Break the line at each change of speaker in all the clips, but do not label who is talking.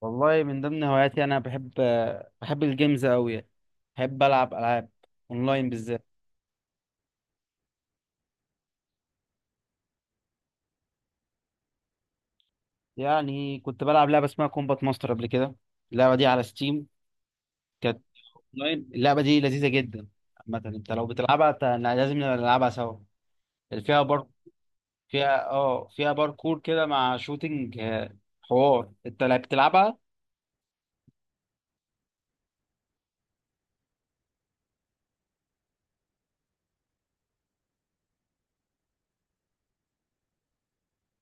والله من ضمن هواياتي انا بحب الجيمز قوي يعني. بحب العب العاب اونلاين بالذات. يعني كنت بلعب لعبه اسمها كومبات ماستر قبل كده. اللعبه دي على ستيم، كانت اونلاين. اللعبه دي لذيذه جدا، مثلا انت لو بتلعبها لازم نلعبها سوا. اللي فيها بار فيها اه فيها باركور كده مع شوتينج، حوار، انت لا بتلعبها؟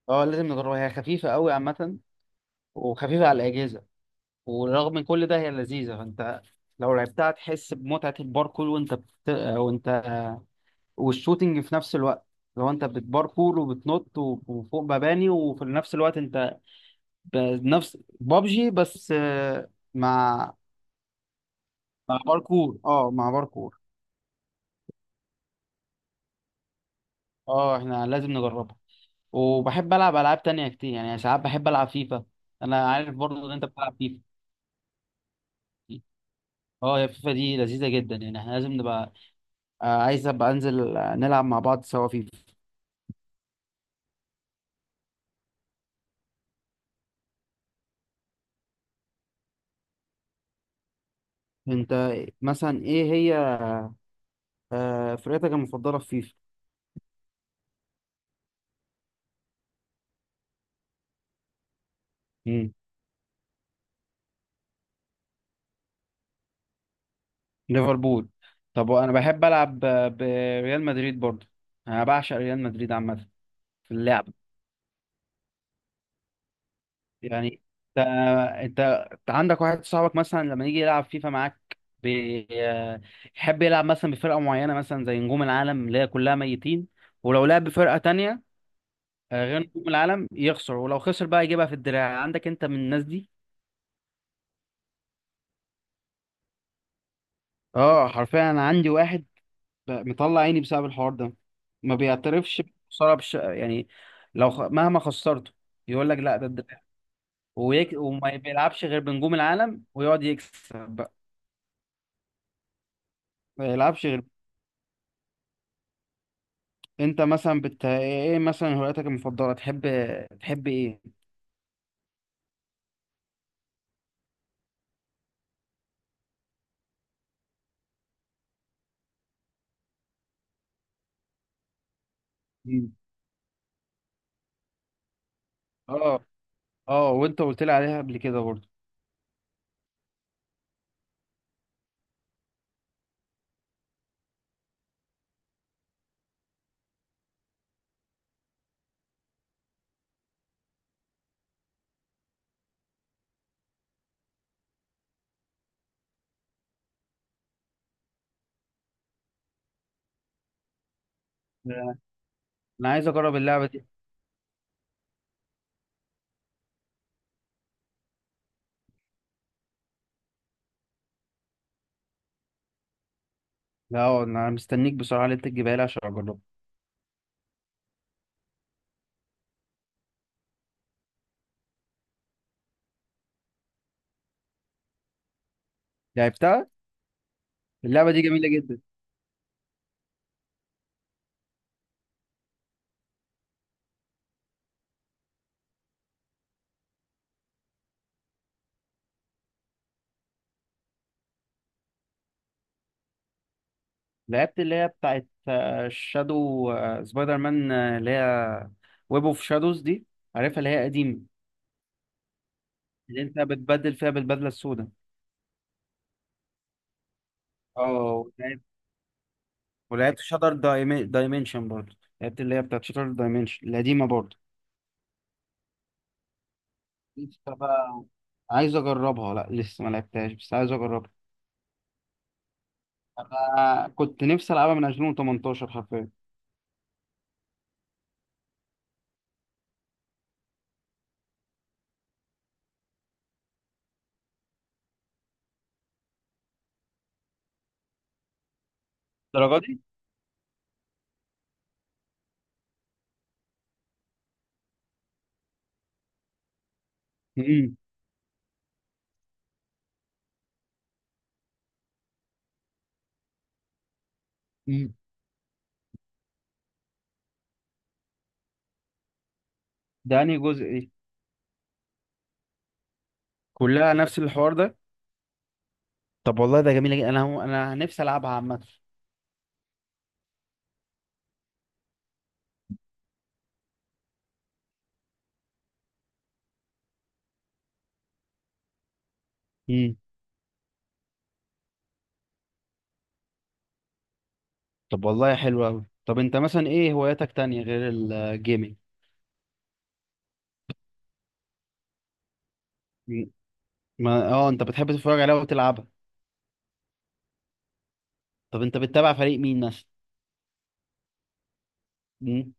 اه، لازم نجربها، هي خفيفه قوي عامه. وخفيفه على الاجهزه، ورغم من كل ده هي لذيذة. فانت لو لعبتها تحس بمتعة الباركور وانت والشوتينج في نفس الوقت. لو انت بتباركور وبتنط و- وفوق مباني وفي نفس الوقت انت بنفس بابجي بس، مع باركور. اه، احنا لازم نجربها. وبحب العب العاب تانية كتير، يعني ساعات بحب العب فيفا. انا عارف برضه ان انت بتلعب فيفا. اه، يا فيفا دي لذيذة جدا. يعني احنا لازم نبقى، عايز ابقى انزل نلعب مع بعض سوا فيفا. انت مثلا، ايه هي فرقتك المفضله في فيفا؟ مم. ليفربول. طب وانا بحب العب بريال مدريد برضو. انا بعشق ريال مدريد عامه في اللعب. يعني انت انت أنت عندك واحد صاحبك مثلا لما يجي يلعب فيفا معاك، بي- آه، يحب يلعب مثلا بفرقه معينه، مثلا زي نجوم العالم اللي هي كلها ميتين، ولو لعب بفرقه تانية غير نجوم العالم يخسر، ولو خسر بقى يجيبها في الدراع. عندك انت من الناس دي؟ اه حرفيا، انا عندي واحد بقى مطلع عيني بسبب الحوار ده. ما بيعترفش بخسارة يعني لو مهما خسرته، يقول لك: لا، ده الدفاع. وما بيلعبش غير بنجوم العالم ويقعد يكسب بقى. ما يلعبش غير. انت مثلا ايه مثلا هواياتك المفضلة، تحب ايه؟ مم. اه. اه، وانت قلت لي عليها قبل كده برضه. لا، انا عايز اجرب اللعبة دي. لا اه، انا مستنيك بصراحة اللي انت تجيبها لي عشان اجربها. لعبتها. اللعبة دي جميلة جدا. لعبت اللي هي بتاعت شادو سبايدر مان، اللي هي ويب اوف شادوز دي. عارفها، اللي هي قديمه، اللي انت بتبدل فيها بالبدله السوداء. اه، ولعبت شاتر دايمنشن برضه. لعبت اللي هي بتاعت شاتر دايمنشن القديمه برضه. لسه بقى عايز اجربها. لا، لسه ما لعبتهاش بس عايز اجربها. انا كنت نفسي العبها من 2018 حرفيا. الدرجه دي. امم. أمم. ده انهي جزء دي؟ كلها نفس الحوار ده. طب والله ده جميل جدا. انا نفسي العبها عامه. امم. طب والله حلو قوي. طب انت مثلا، ايه هواياتك تانية غير الجيمنج؟ ما انت بتحب تتفرج عليها وتلعبها. طب انت بتتابع فريق مين مثلا؟ مم.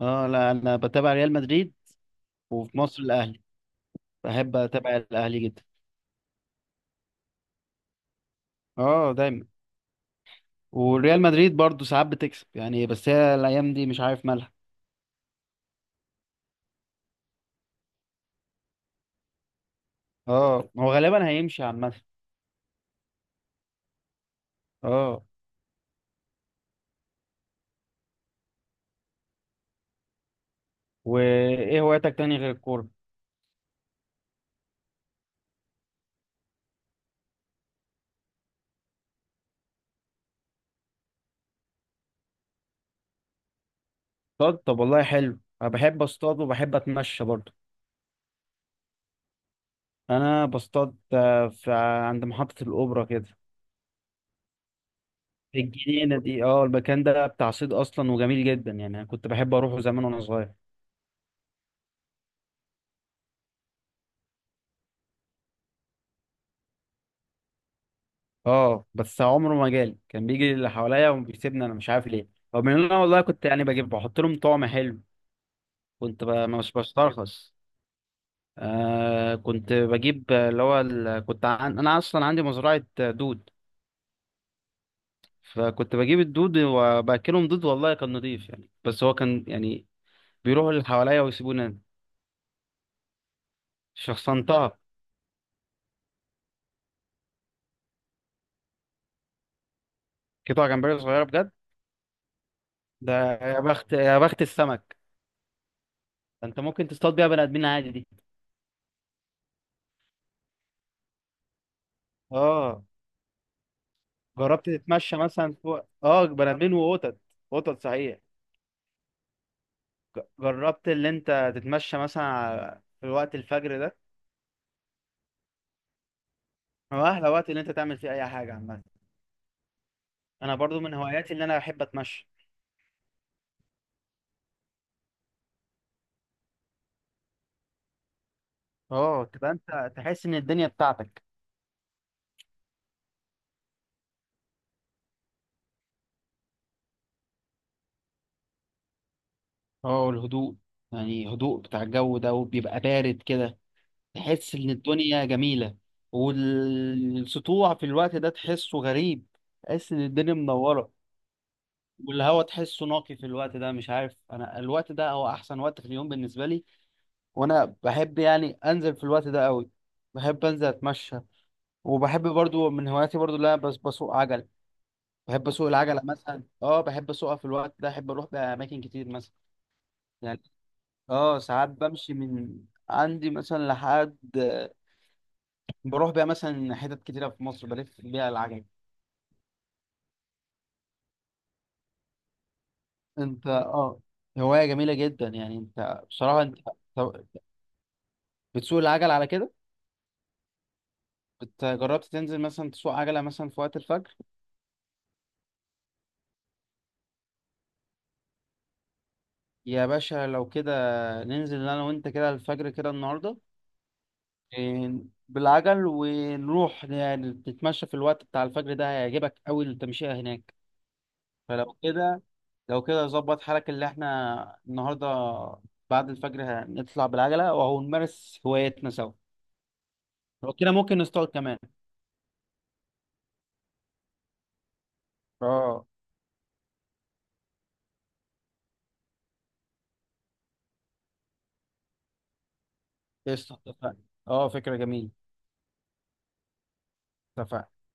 اه، لا، انا بتابع ريال مدريد. وفي مصر الاهلي. بحب اتابع الاهلي جدا. اه، دايما. وريال مدريد برضو ساعات بتكسب، يعني بس هي الايام دي مش عارف مالها. اه، هو غالبا هيمشي عامه. اه، وايه هواياتك تاني غير الكوره؟ اصطاد؟ طب والله حلو. انا بحب اصطاد وبحب اتمشى برضو. انا بصطاد، في عند محطه الاوبرا كده. الجنينة دي، المكان ده بتاع صيد اصلا وجميل جدا. يعني انا كنت بحب اروحه زمان وانا صغير. اه بس عمره ما جالي، كان بيجي اللي حواليا وبيسيبني انا، مش عارف ليه، رغم ان انا والله كنت يعني بجيب بحط لهم طعم حلو. كنت مش بسترخص. كنت بجيب اللي هو كنت انا اصلا عندي مزرعة دود. فكنت بجيب الدود وباكلهم دود، والله كان نضيف يعني، بس هو كان يعني بيروحوا اللي حواليا ويسيبوني أنا. شخصنتها. قطع جمبري صغيرة، بجد؟ ده، يا بخت يا بخت السمك. انت ممكن تصطاد بيها بني ادمين عادي دي. اه، جربت تتمشى مثلا فوق، بني ادمين وقطط. قطط صحيح. جربت اللي انت تتمشى مثلا في وقت الفجر ده؟ هو احلى وقت اللي انت تعمل فيه اي حاجه عامه. انا برضو من هواياتي اللي انا بحب اتمشى. اه، تبقى انت تحس ان الدنيا بتاعتك. اه، والهدوء، يعني هدوء بتاع الجو ده وبيبقى بارد كده. تحس ان الدنيا جميلة. والسطوع في الوقت ده تحسه غريب. تحس ان الدنيا منورة. والهوا تحسه نقي في الوقت ده. مش عارف، انا الوقت ده هو احسن وقت في اليوم بالنسبه لي. وانا بحب يعني انزل في الوقت ده قوي. بحب انزل اتمشى. وبحب برضو من هواياتي برضو اللي انا بس بسوق عجل. بحب اسوق العجله مثلا، بحب اسوقها في الوقت ده. احب اروح باماكن كتير مثلا. يعني اه، ساعات بمشي من عندي مثلا لحد، بروح بيها مثلا حتت كتيره في مصر بلف بيها العجل. انت هوايه جميله جدا. يعني انت بصراحه، انت. طب بتسوق العجل على كده؟ انت جربت تنزل مثلا تسوق عجلة مثلا في وقت الفجر؟ يا باشا، لو كده ننزل انا وانت كده الفجر كده النهاردة. إيه، بالعجل ونروح نتمشى في الوقت بتاع الفجر ده. هيعجبك قوي التمشية هناك. فلو كده ظبط حالك اللي احنا النهاردة بعد الفجر هنطلع بالعجلة وهو نمارس هوايتنا سوا. لو كده ممكن نصطاد كمان. اه، قشطة. اتفقنا. اه، فكرة جميلة. اتفقنا.